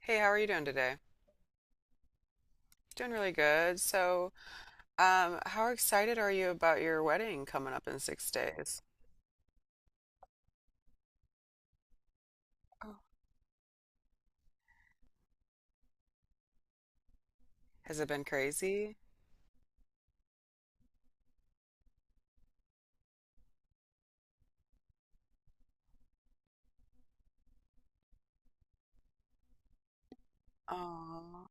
Hey, how are you doing today? Doing really good. So, how excited are you about your wedding coming up in 6 days? Oh. Has it been crazy? Oh,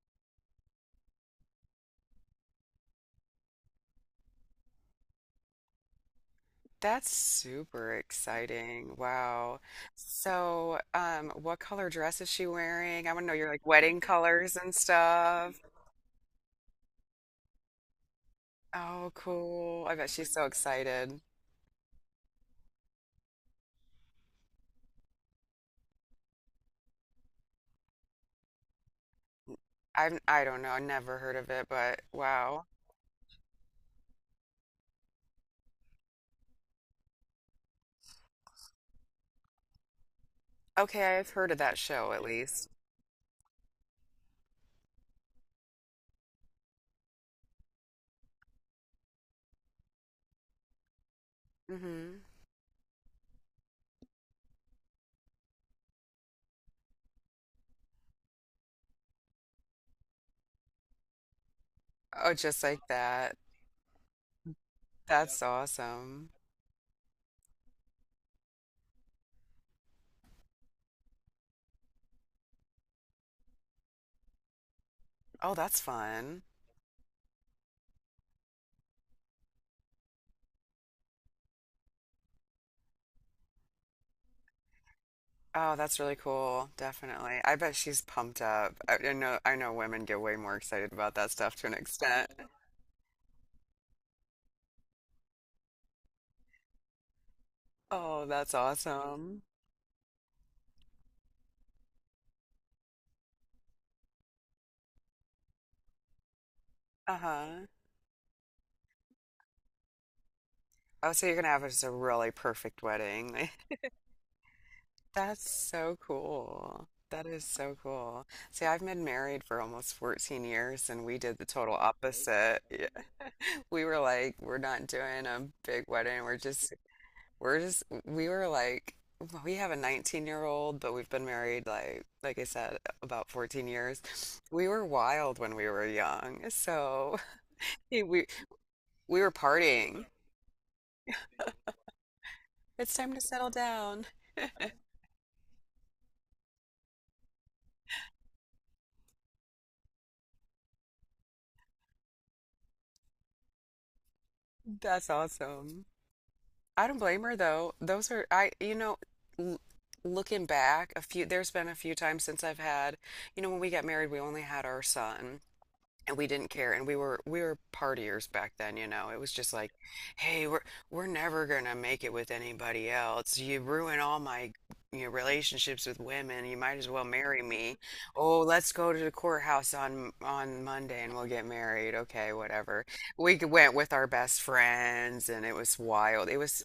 that's super exciting. Wow. So, what color dress is she wearing? I want to know your like wedding colors and stuff. Oh, cool. I bet she's so excited. I don't know, I never heard of it, but wow. Okay, I've heard of that show at least. Hmm. Oh, just like that. That's awesome. Oh, that's fun. Oh, that's really cool. Definitely. I bet she's pumped up. I know I know women get way more excited about that stuff to an extent. Oh, that's awesome. Uh-huh. Oh, so you're gonna have just a really perfect wedding. That's so cool. That is so cool. See, I've been married for almost 14 years and we did the total opposite. Yeah. We were like, we're not doing a big wedding. We were like well, we have a 19-year-old, but we've been married like I said about 14 years. We were wild when we were young, so we we were partying. It's time to settle down. That's awesome. I don't blame her though. Those are I you know l looking back, a few there's been a few times since I've had, when we got married we only had our son. And we didn't care and we were partiers back then, you know, it was just like, hey, we're never gonna make it with anybody else. You ruin all my, you know, relationships with women, you might as well marry me. Oh, let's go to the courthouse on Monday and we'll get married, okay, whatever. We went with our best friends and it was wild. It was,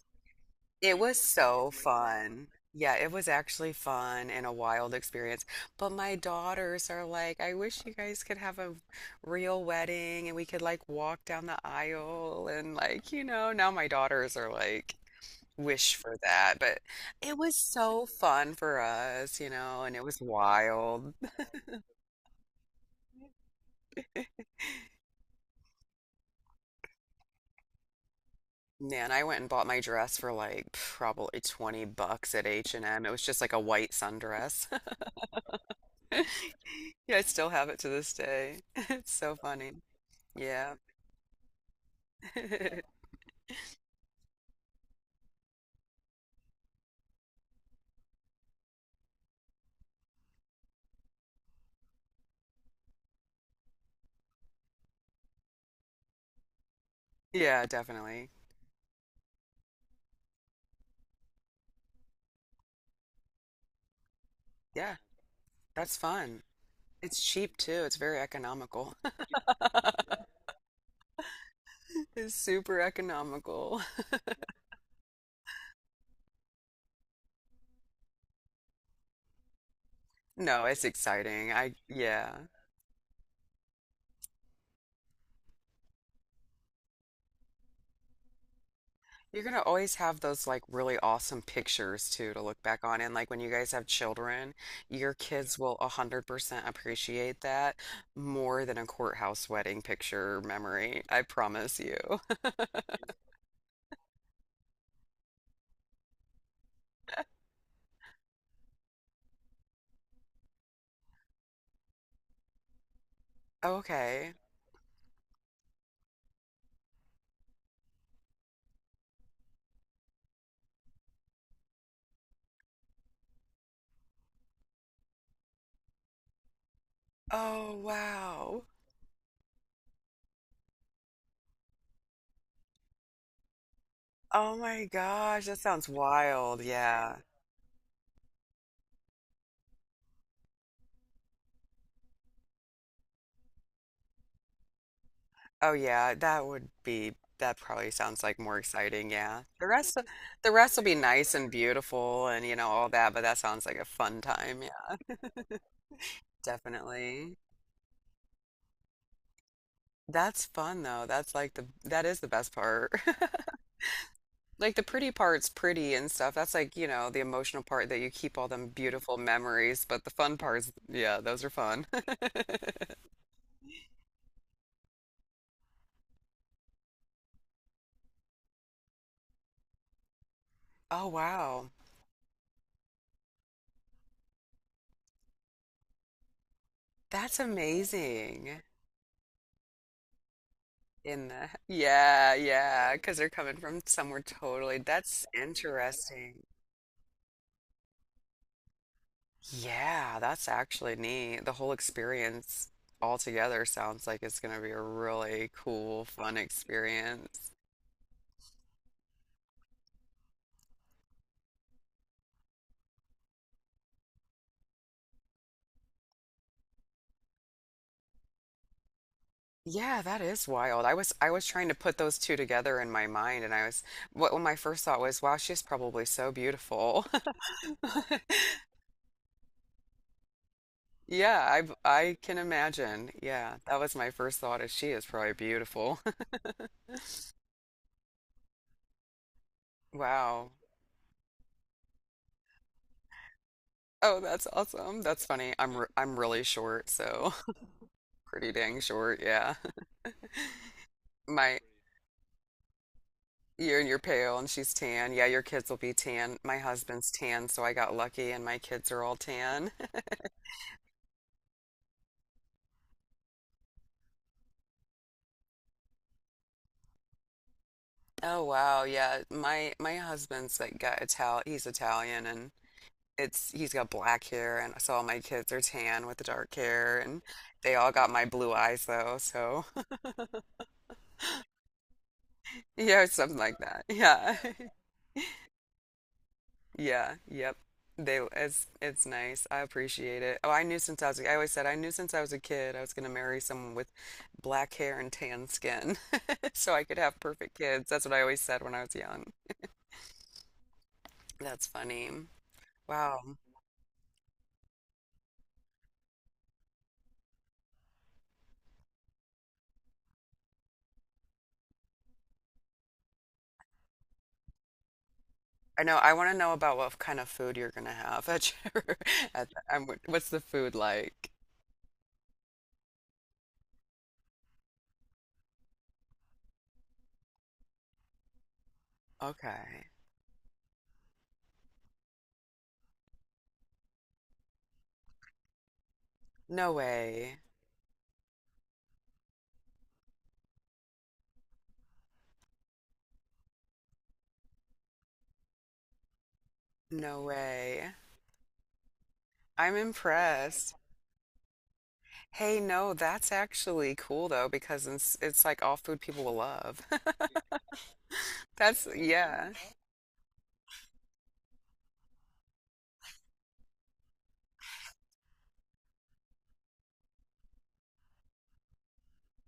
it was so fun. Yeah, it was actually fun and a wild experience. But my daughters are like, I wish you guys could have a real wedding and we could like walk down the aisle, and like, you know, now my daughters are like, wish for that. But it was so fun for us, you know, and it was wild. Man, I went and bought my dress for like probably 20 bucks at H&M. It was just like a white sundress. Yeah, I still have it to this day. It's so funny. Yeah. Yeah, definitely. Yeah, that's fun. It's cheap too. It's very economical. It's super economical. No, it's exciting. Yeah. You're gonna always have those like really awesome pictures too to look back on. And like when you guys have children, your kids will 100% appreciate that more than a courthouse wedding picture memory. I promise you. Okay. Oh, wow. Oh my gosh, that sounds wild. Yeah. Oh yeah, that would be, that probably sounds like more exciting, yeah. The rest will be nice and beautiful and you know all that, but that sounds like a fun time. Yeah, definitely. That's fun though. That's like the that is the best part. Like the pretty part's pretty and stuff. That's like, you know, the emotional part that you keep all them beautiful memories, but the fun parts, yeah, those are fun. Oh wow. That's amazing. In the yeah, yeah, because they're coming from somewhere totally. That's interesting. Yeah, that's actually neat. The whole experience altogether sounds like it's going to be a really cool, fun experience. Yeah, that is wild. I was trying to put those two together in my mind, and I was, what my first thought was, wow, she's probably so beautiful. Yeah, I can imagine. Yeah, that was my first thought is she is probably beautiful. Wow. Oh, that's awesome. That's funny. I'm really short, so pretty dang short. Yeah. My You're pale and she's tan. Yeah, your kids will be tan. My husband's tan, so I got lucky and my kids are all tan. Oh wow, yeah. My husband's like got Ital he's Italian and it's he's got black hair and so all my kids are tan with dark hair and they all got my blue eyes though, so yeah, something like that. Yeah. Yeah, yep. They, it's nice. I appreciate it. Oh, I knew since I was I always said I knew since I was a kid I was going to marry someone with black hair and tan skin so I could have perfect kids. That's what I always said when I was young. That's funny. Wow. I know. I want to know about what kind of food you're going to have at your at the, what's the food like? Okay. No way. No way. I'm impressed. Hey, no, that's actually cool though because it's like all food people will love. That's yeah.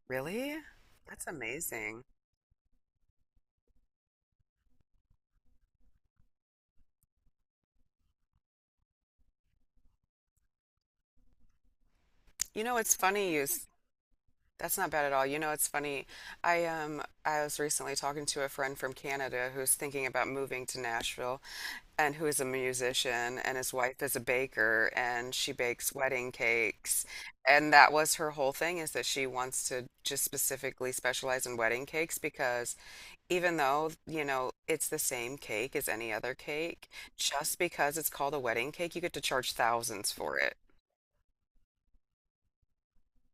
Really? That's amazing. You know, it's funny That's not bad at all. You know, it's funny. I was recently talking to a friend from Canada who's thinking about moving to Nashville and who is a musician and his wife is a baker and she bakes wedding cakes. And that was her whole thing is that she wants to just specifically specialize in wedding cakes because even though, you know, it's the same cake as any other cake, just because it's called a wedding cake, you get to charge thousands for it.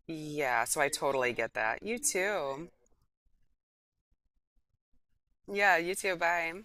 Yeah, so I totally get that. You too. Yeah, you too. Bye.